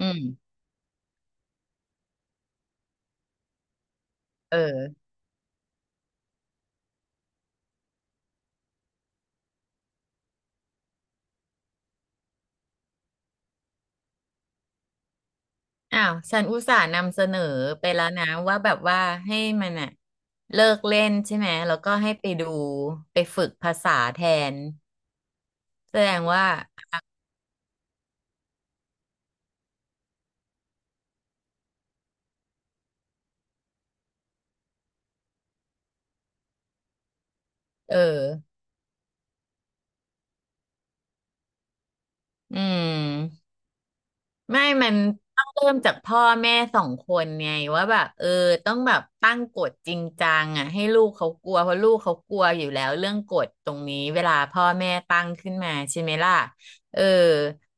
อืมเอออ้าวฉันอุตส่าห์นำเสนอไปแล้วนะว่าแบบว่าให้มันอะเลิกเล่นใช่ไหมแล้วก็ให้ไปดูไปฝึกภาษาแทนแสดงว่าเอออืม ไม่มันต้องเริ่มจากพ่อแม่สองคนไงว่าแบบเออต้องแบบตั้งกฎจริงจังอ่ะให้ลูกเขากลัวเพราะลูกเขากลัวอยู่แล้วเรื่องกฎตรงนี้เวลาพ่อแม่ตั้งขึ้นมาใช่ไหมล่ะเออ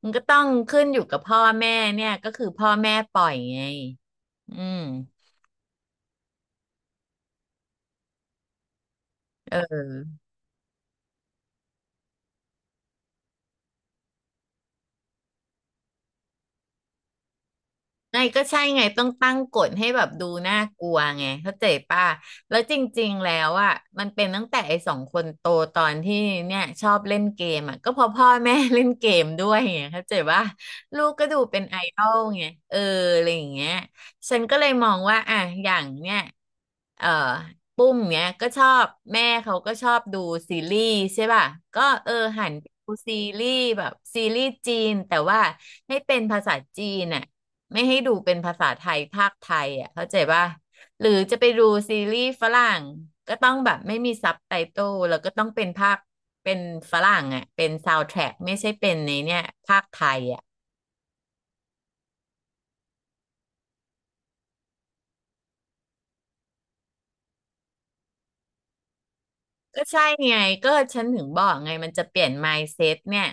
มันก็ต้องขึ้นอยู่กับพ่อแม่เนี่ยก็คือพ่อแม่ปล่อยไงอืมเออ ไงก็ใช่ไงต้องตั้งกฎให้แบบดูน่ากลัวไงเข้าใจป่ะแล้วจริงๆแล้วอ่ะมันเป็นตั้งแต่ไอ้สองคนโตตอนที่เนี่ยชอบเล่นเกมอ่ะก็เพอพ่อแม่เล่นเกมด้วยไงเข้าใจป่ะลูกก็ดูเป็นไอดอลไงเอออะไรอย่างเงี้ยฉันก็เลยมองว่าอ่ะอย่างเนี่ยเอ่อปุ้มเนี้ยก็ชอบแม่เขาก็ชอบดูซีรีส์ใช่ป่ะก็เออหันไปดูซีรีส์แบบซีรีส์จีนแต่ว่าให้เป็นภาษาจีนอ่ะ ไม่ให้ดูเป็นภาษาไทยภาคไทยอ่ะเข้าใจป่ะหรือจะไปดูซีรีส์ฝรั่งก็ต้องแบบไม่มีซับไตเติลแล้วก็ต้องเป็นภาคเป็นฝรั่งอ่ะเป็นซาวด์แทร็กไม่ใช่เป็นในเนี่ยภาคไทยอ่ะ ก็ใช่ไงก็ฉันถึงบอกไงมันจะเปลี่ยน mindset เนี่ย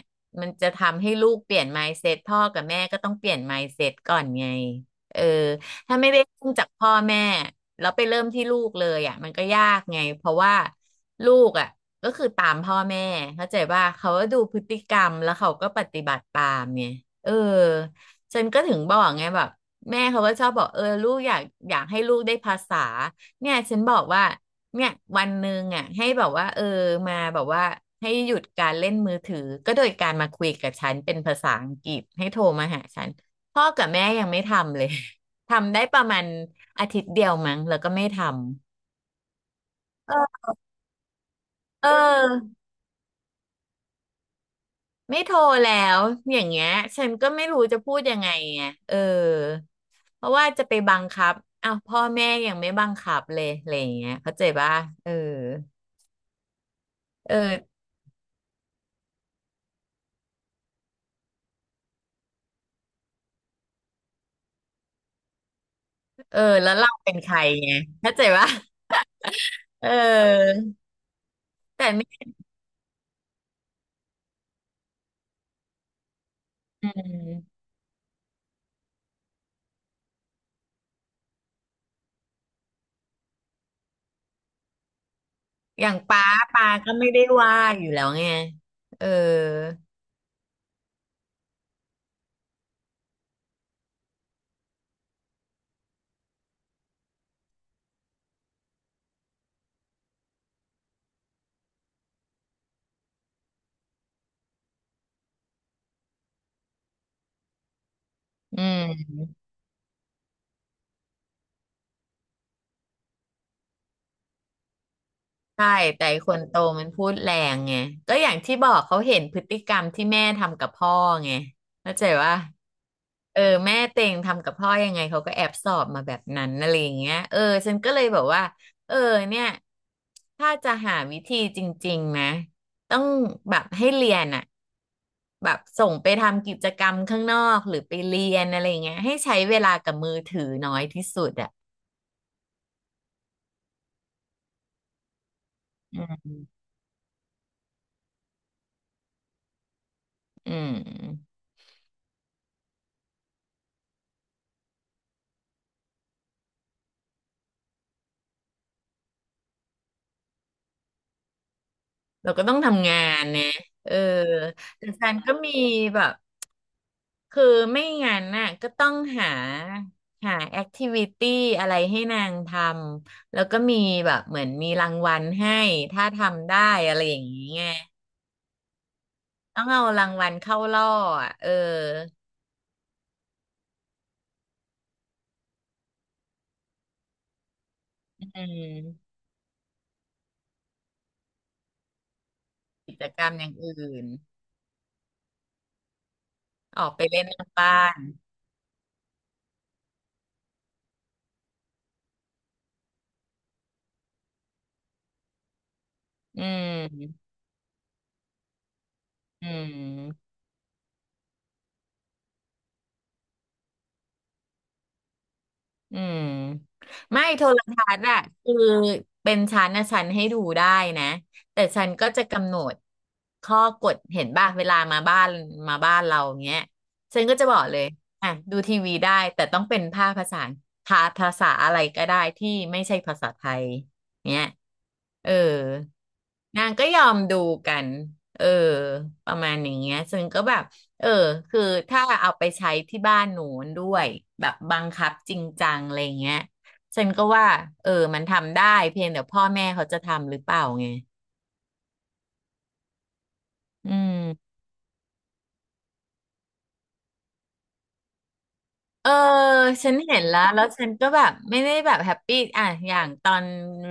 มันจะทำให้ลูกเปลี่ยน mindset พ่อกับแม่ก็ต้องเปลี่ยน mindset ก่อนไงเออถ้าไม่ได้เริ่มจากพ่อแม่แล้วไปเริ่มที่ลูกเลยอ่ะมันก็ยากไงเพราะว่าลูกอ่ะก็คือตามพ่อแม่เข้าใจว่าเขาก็ดูพฤติกรรมแล้วเขาก็ปฏิบัติตามไงเออฉันก็ถึงบอกไงแบบแม่เขาก็ชอบบอกเออลูกอยากอยากให้ลูกได้ภาษาเนี่ยฉันบอกว่า เนี่ยวันหนึ่งอ่ะให้แบบว่าเออมาแบบว่าให้หยุดการเล่นมือถือก็โดยการมาคุยกับฉันเป็นภาษาอังกฤษให้โทรมาหาฉันพ่อกับแม่ยังไม่ทำเลย ทำได้ประมาณอาทิตย์เดียวมั้งแล้วก็ไม่ทำเออเออไม่โทรแล้วอย่างเงี้ยฉันก็ไม่รู้จะพูดยังไงไงเออเพราะว่าจะไปบังคับอ้าวพ่อแม่ยังไม่บังคับเลยอะไรอย่างเงี้ยเข้าใจป่ะเออเออเออแล้วเราเป็นใครไงเข้าใจป่ะ เออแต่ไม่อืมอย่างป้าก็ไม่ได้ว่าอยู่แล้วไงเอออืมใช่แต่ไอ้คนโตมันพูดแรงไงก็อย่างที่บอกเขาเห็นพฤติกรรมที่แม่ทำกับพ่อไงเข้าใจว่าเออแม่เต็งทำกับพ่อยังไงเขาก็แอบสอบมาแบบนั้นอะไรอย่างเงี้ยเออฉันก็เลยบอกว่าเออเนี่ยถ้าจะหาวิธีจริงๆนะต้องแบบให้เรียนอ่ะ แบบส่งไปทำกิจกรรมข้างนอกหรือไปเรียนอะไรอย่างเงี้ยให้ใช้เวลากับมือถือน้อยที่สุดอ่ะอืมอืมเราก็ต้องทำงานนะเออแต่แฟนก็มีแบบคือไม่งั้นน่ะก็ต้องหาแอคทิวิตี้อะไรให้นางทำแล้วก็มีแบบเหมือนมีรางวัลให้ถ้าทำได้อะไรอย่างนี้ไงต้องเอารางวัลเข้าล่ออ่ะเอออืมกิจกรรมอย่างอื่นออกไปเล่นนอกบ้าน อืมอืม อืม ไม่โทรทัศน์อะคือเป็นชั้นนะชั้นให้ดูได้นะแต่ชั้นก็จะกำหนดข้อกฎเห็นบ้างเวลามาบ้านเราเงี้ยฉันก็จะบอกเลยอ่ะดูทีวีได้แต่ต้องเป็นภาคภาษาภาภาษาอะไรก็ได้ที่ไม่ใช่ภาษาไทยเนี้ยเออนางก็ยอมดูกันเออประมาณอย่างเงี้ยซึ่งก็แบบ เออคือถ้าเอาไปใช้ที่บ้านหนูด้วยแบบบังคับจริงจังอะไรเงี้ยฉันก็ว่าเออมันทำได้เพียงแต่พ่อแม่เขาจะทำหรือเปล่าไงอืม เออฉันเห็นแล้วแล้วฉันก็แบบไม่ได้แบบแฮปปี้อ่ะอย่างตอน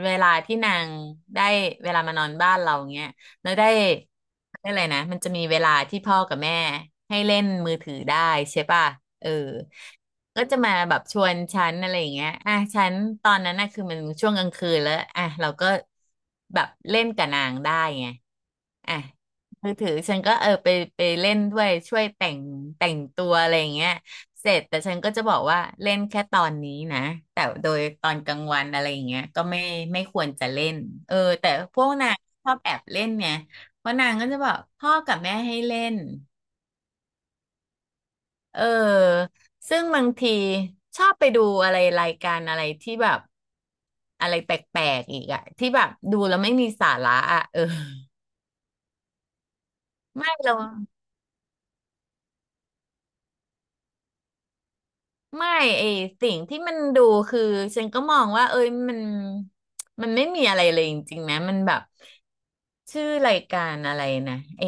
เวลาที่นางได้เวลามานอนบ้านเราเงี้ยแล้วได้ได้อะไรนะมันจะมีเวลาที่พ่อกับแม่ให้เล่นมือถือได้ใช่ป่ะเออก็จะมาแบบชวนฉันอะไรอย่างเงี้ยอ่ะฉันตอนนั้นน่ะคือมันช่วงกลางคืนแล้วอ่ะเราก็แบบเล่นกับนางได้ไงอ่ะมือถือฉันก็เออไปเล่นด้วยช่วยแต่งตัวอะไรอย่างเงี้ย เสร็จแต่ฉันก็จะบอกว่าเล่นแค่ตอนนี้นะแต่โดยตอนกลางวันอะไรอย่างเงี้ยก็ไม่ควรจะเล่นเออแต่พวกนางชอบแอบเล่นเนี่ยเพราะนางก็จะบอกพ่อกับแม่ให้เล่นเออซึ่งบางทีชอบไปดูอะไรรายการอะไรที่แบบอะไรแปลกๆอีกอะที่แบบดูแล้วไม่มีสาระอะเออไม่เรา ไม่ไอสิ่งที่มันดูคือฉันก็มองว่าเอ้ยมันไม่มีอะไรเลยจริงๆนะ มันแบบชื่อรายการอะไรนะ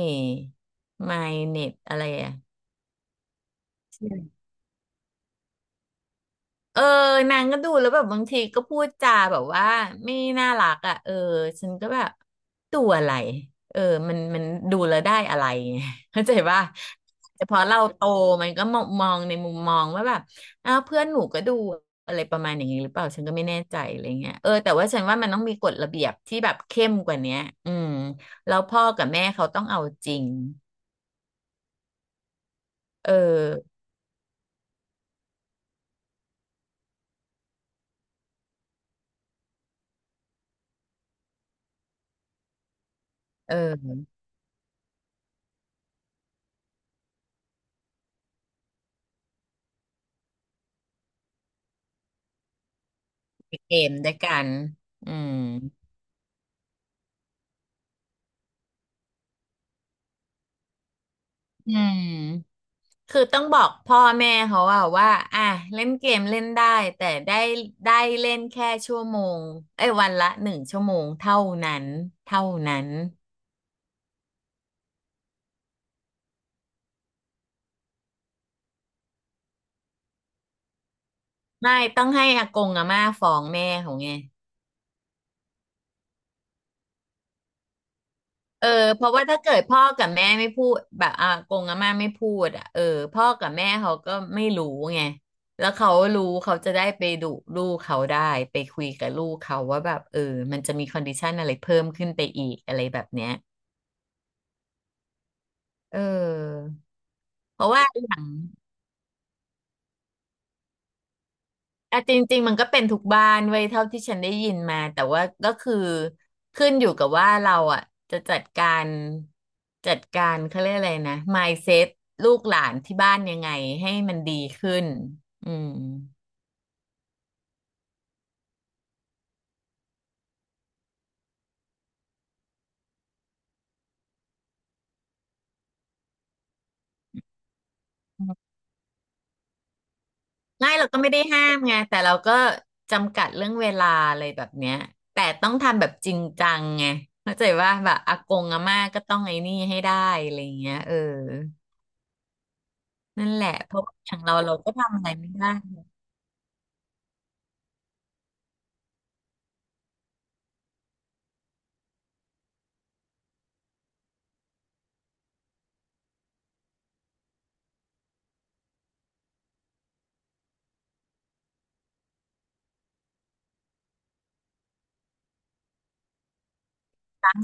My Net อะไรอะใช่ เออนางก็ดูแล้วแบบบางทีก็พูดจาแบบว่าไม่น่ารักอ่ะเออฉันก็แบบตัวอะไรเออมันดูแล้วได้อะไรไง เข้าใจป่ะแต่พอเราโตมันก็มองในมุมมองว่าแบบอ้าวเพื่อนหนูก็ดูอะไรประมาณอย่างนี้หรือเปล่าฉันก็ไม่แน่ใจอะไรเงี้ยเออแต่ว่าฉันว่ามันต้องมีกฎระเบียบที่แบบเข้มกว่าเนี้ยอืมแล้วพ่อกับแม่เขาต้องเอาจริงเออเออเกมด้วยกันอืมอืม คือต้องบอกพ่อแม่เขาว่าอ่ะเล่นเกมเล่นได้แต่ได้เล่นแค่ชั่วโมงเอ้ยวันละ1 ชั่วโมงนั้นเท่านั้นไม่ต้องให้อากงอาม่าฟ้องแม่เขาไงเออเพราะว่าถ้าเกิดพ่อกับแม่ไม่พูดแบบอากงอาม่าไม่พูดอ่ะเออพ่อกับแม่เขาก็ไม่รู้ไงแล้วเขารู้เขาจะได้ไปดุลูกเขาได้ไปคุยกับลูกเขาว่าแบบเออมันจะมีคอนดิชันอะไรเพิ่มขึ้นไปอีกอะไรแบบเนี้ยเออ เพราะว่าอย่างอ่ะจริงๆมันก็เป็นทุกบ้านไว้ยเท่าที่ฉันได้ยินมาแต่ว่าก็คือขึ้นอยู่กับว่าเราอ่ะจะจัดการเขาเรียกอะไรนะ mindset ลูกหลานที่บ้านยังไงให้มันดีขึ้นอืมง่ายเราก็ไม่ได้ห้ามไงแต่เราก็จำกัดเรื่องเวลาอะไรแบบเนี้ยแต่ต้องทำแบบจริงจังไงเข้าใจว่าแบบอากงอาม่าก็ต้องไอ้นี่ให้ได้อะไรอย่างเงี้ยเออนั่นแหละเพราะว่าอย่างเราก็ทำอะไรไม่ได้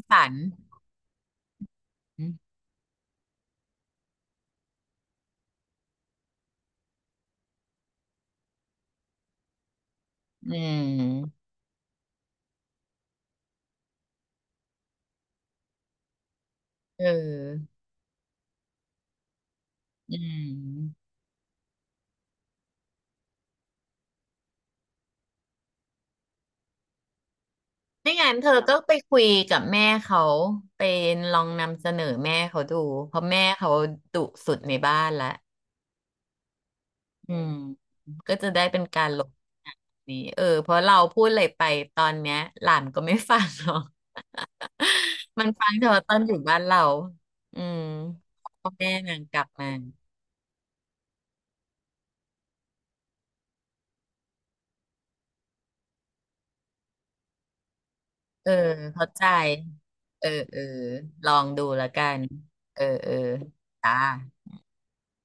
ฝันอืมเอออืมไม่งั้นเธอก็ไปคุยกับแม่เขาไปลองนำเสนอแม่เขาดู เพราะแม่เขาดุสุดในบ้านละอืมก็จะได้เป็นการลบนี้เออเพราะเราพูดอะไรไปตอนเนี้ยหลานก็ไม่ฟังหรอก มันฟังเฉพาะตอนอยู่บ้านเราอืมพ่อแม่นางกลับมาเออเข้าใจเออลองดูและกันเออจ้า